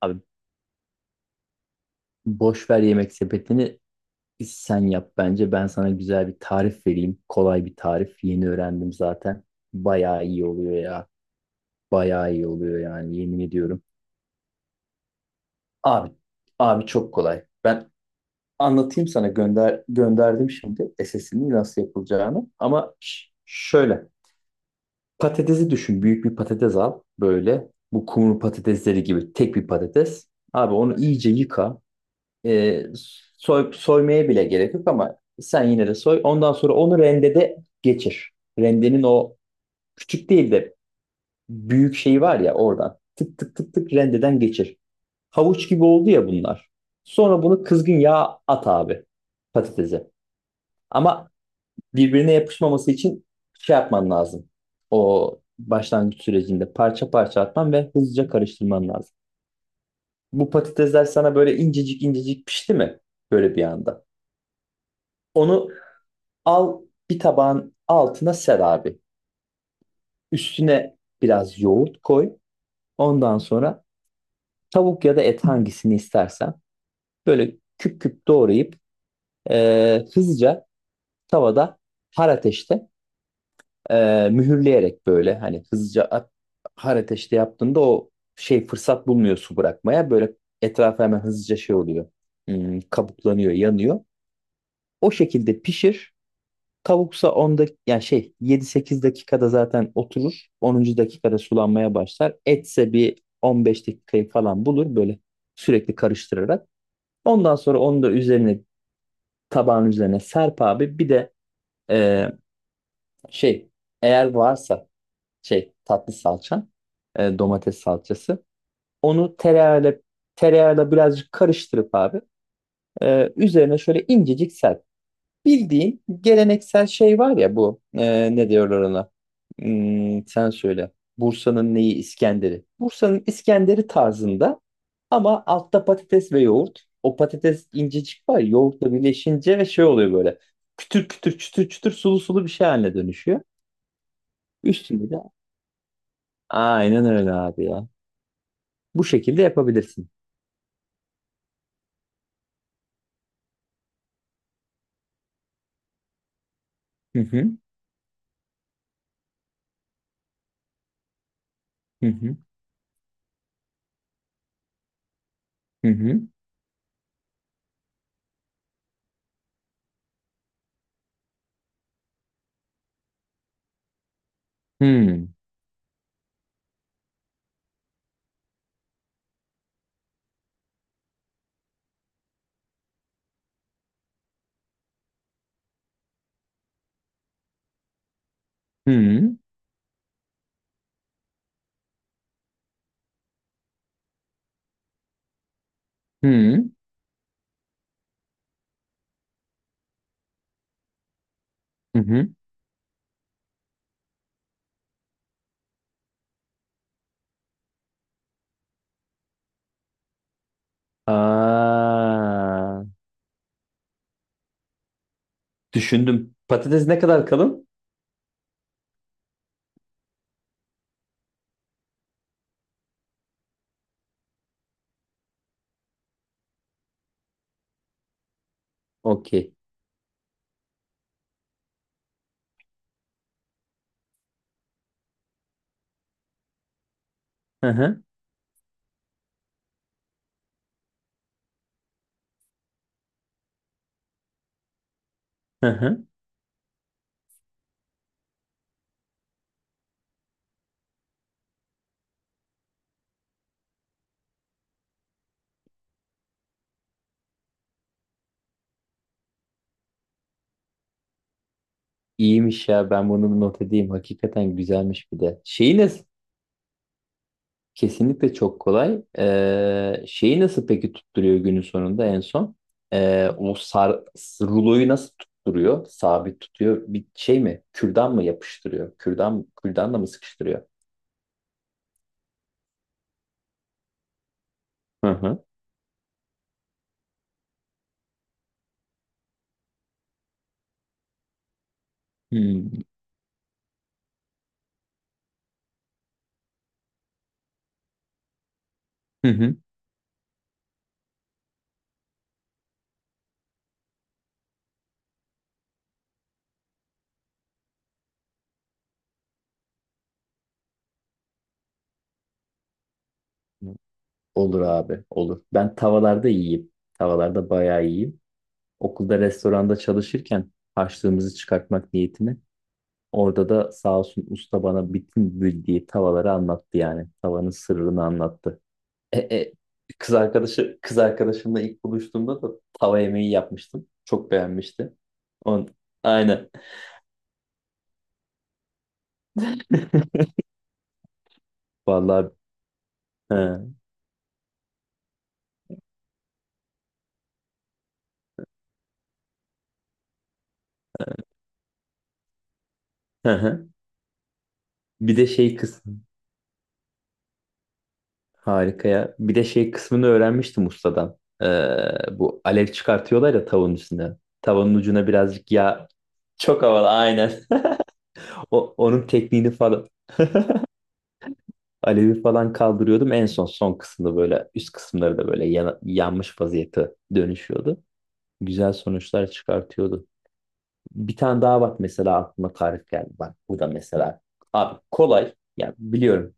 Abi boş ver yemek sepetini sen yap bence. Ben sana güzel bir tarif vereyim. Kolay bir tarif. Yeni öğrendim zaten. Bayağı iyi oluyor ya. Bayağı iyi oluyor yani yemin ediyorum. Abi, abi, çok kolay. Ben anlatayım sana gönderdim şimdi SS'ini nasıl yapılacağını. Ama şöyle patatesi düşün. Büyük bir patates al böyle. Bu kumru patatesleri gibi tek bir patates. Abi onu iyice yıka. E, soy, soymaya bile gerek yok ama sen yine de soy. Ondan sonra onu rendede geçir. Rendenin o küçük değil de büyük şeyi var ya oradan. Tık tık tık tık rendeden geçir. Havuç gibi oldu ya bunlar. Sonra bunu kızgın yağ at abi patatese. Ama birbirine yapışmaması için şey yapman lazım. O başlangıç sürecinde parça parça atman ve hızlıca karıştırman lazım. Bu patatesler sana böyle incecik incecik pişti mi? Böyle bir anda. Onu al bir tabağın altına ser abi. Üstüne biraz yoğurt koy. Ondan sonra tavuk ya da et hangisini istersen böyle küp küp doğrayıp hızlıca tavada har ateşte mühürleyerek böyle hani hızlıca har ateşte yaptığında o şey fırsat bulmuyor su bırakmaya. Böyle etrafı hemen hızlıca şey oluyor. Kabuklanıyor, yanıyor. O şekilde pişir. Tavuksa 10 dak yani şey 7-8 dakikada zaten oturur. 10. dakikada sulanmaya başlar. Etse bir 15 dakikayı falan bulur böyle sürekli karıştırarak. Ondan sonra onu da üzerine tabağın üzerine serp abi. Bir de e, şey eğer varsa şey tatlı salça, domates salçası, onu tereyağıyla birazcık karıştırıp abi, üzerine şöyle incecik serp. Bildiğin geleneksel şey var ya bu, ne diyorlar ona? Sen söyle. Bursa'nın neyi İskender'i? Bursa'nın İskender'i tarzında ama altta patates ve yoğurt. O patates incecik var ya, yoğurtla birleşince ve şey oluyor böyle. Kütür kütür çütür çütür sulu sulu bir şey haline dönüşüyor. Üstünde de aynen öyle abi ya. Bu şekilde yapabilirsin. Hı hı hı hı hı hı hı hı hı hı. Hı. Aa. Düşündüm. Patates ne kadar kalın? Okey. Hı hı. Hı hı. İyiymiş ya ben bunu not edeyim. Hakikaten güzelmiş bir de. Şeyi nasıl? Kesinlikle çok kolay. Şeyi nasıl peki tutturuyor günün sonunda en son? Ee, o sar, ruloyu nasıl tutturuyor? Sabit tutuyor. Bir şey mi? Kürdan mı yapıştırıyor? Kürdanla mı sıkıştırıyor? Hı hı. Hmm. Hı hı. Olur abi, olur. Ben tavalarda yiyeyim. Tavalarda bayağı iyiyim. Okulda restoranda çalışırken harçlığımızı çıkartmak niyetini orada da sağ olsun usta bana bütün bildiği tavaları anlattı yani. Tavanın sırrını anlattı. E, e, kız arkadaşımla ilk buluştuğumda da tava yemeği yapmıştım. Çok beğenmişti. On, aynen. Vallahi he, hı hı. Bir de şey kısmı harika ya. Bir de şey kısmını öğrenmiştim ustadan. Bu alev çıkartıyorlar ya tavanın üstüne. Tavanın ucuna birazcık yağ, çok havalı aynen. Onun tekniğini falan alevi falan kaldırıyordum. En son son kısımda böyle üst kısımları da böyle yanmış vaziyete dönüşüyordu. Güzel sonuçlar çıkartıyordu. Bir tane daha bak mesela aklıma tarif geldi. Bak bu da mesela abi kolay. Yani biliyorum.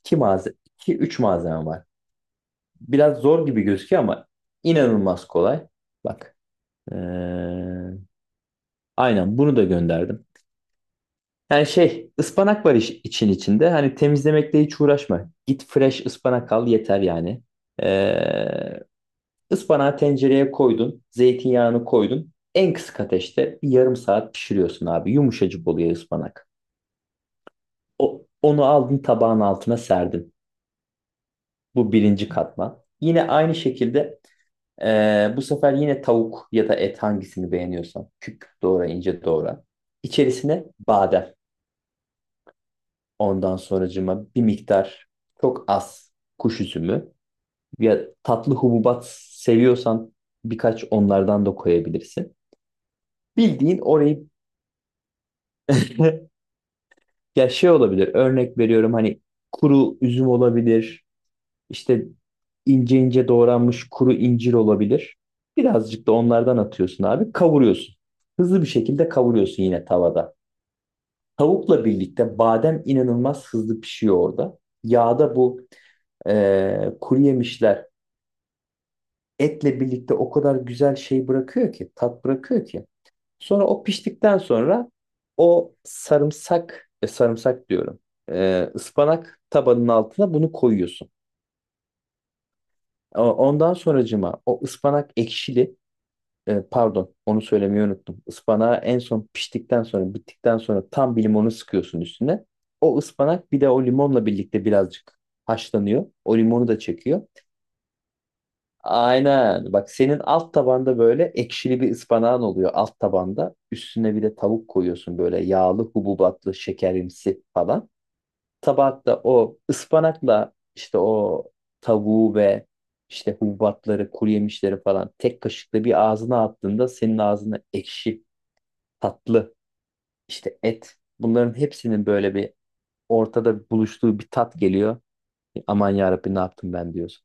İki malzeme, iki üç malzeme var. Biraz zor gibi gözüküyor ama inanılmaz kolay. Bak. ee, aynen bunu da gönderdim. Yani şey ıspanak var iş, için içinde. Hani temizlemekle hiç uğraşma. Git fresh ıspanak al yeter yani. Ee, ıspanağı tencereye koydun. Zeytinyağını koydun. En kısık ateşte bir yarım saat pişiriyorsun abi. Yumuşacık oluyor ıspanak. Onu aldın tabağın altına serdin. Bu birinci katman. Yine aynı şekilde bu sefer yine tavuk ya da et hangisini beğeniyorsan. Küp küp doğra ince doğra. İçerisine badem. Ondan sonracıma bir miktar çok az kuş üzümü, ya tatlı hububat seviyorsan birkaç onlardan da koyabilirsin. Bildiğin orayı ya şey olabilir örnek veriyorum hani kuru üzüm olabilir işte ince ince doğranmış kuru incir olabilir. Birazcık da onlardan atıyorsun abi kavuruyorsun. Hızlı bir şekilde kavuruyorsun yine tavada. Tavukla birlikte badem inanılmaz hızlı pişiyor orada. Yağda bu kuru yemişler etle birlikte o kadar güzel şey bırakıyor ki, tat bırakıyor ki. Sonra o piştikten sonra o sarımsak, sarımsak diyorum, ıspanak tabanın altına bunu koyuyorsun. Ama ondan sonracıma o ıspanak ekşili, pardon onu söylemeyi unuttum. Ispanağı en son piştikten sonra, bittikten sonra tam bir limonu sıkıyorsun üstüne. O ıspanak bir de o limonla birlikte birazcık haşlanıyor. O limonu da çekiyor. Aynen. Bak senin alt tabanda böyle ekşili bir ıspanağın oluyor alt tabanda. Üstüne bir de tavuk koyuyorsun böyle yağlı, hububatlı, şekerimsi falan. Tabakta o ıspanakla işte o tavuğu ve işte hububatları, kuru yemişleri falan tek kaşıkla bir ağzına attığında senin ağzına ekşi, tatlı, işte et, bunların hepsinin böyle bir ortada buluştuğu bir tat geliyor. Aman yarabbim ne yaptım ben diyorsun.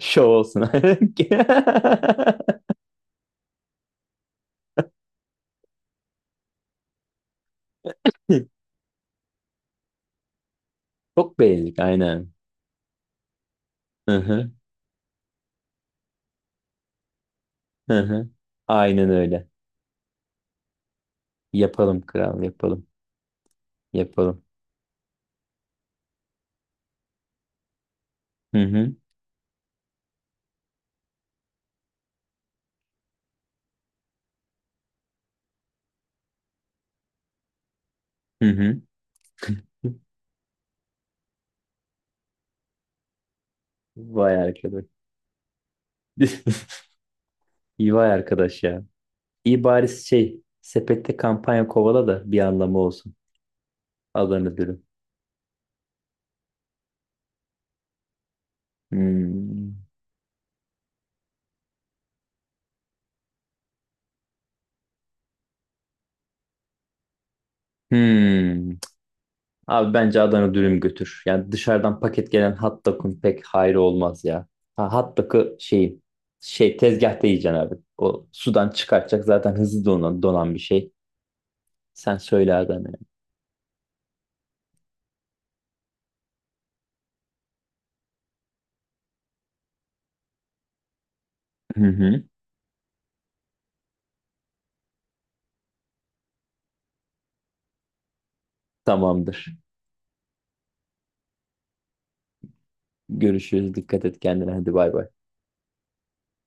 Şov olsun. Çok beğendik aynen. Hı hı hı hı. Aynen öyle. Yapalım kral yapalım. Yapalım. Hı hı hı hı. Vay arkadaş. İyi vay arkadaş ya. İyi bari şey sepette kampanya kovala da bir anlamı olsun. Adana dürüm. Hmm. Hmm. Abi bence Adana dürüm götür. Yani dışarıdan paket gelen hot dog'un pek hayrı olmaz ya. Ha, hot dog'u şey tezgahta yiyeceksin abi. O sudan çıkartacak zaten hızlı donan bir şey. Sen söyle Adem. Hı hı. Tamamdır. Görüşürüz. Dikkat et kendine. Hadi bay bay.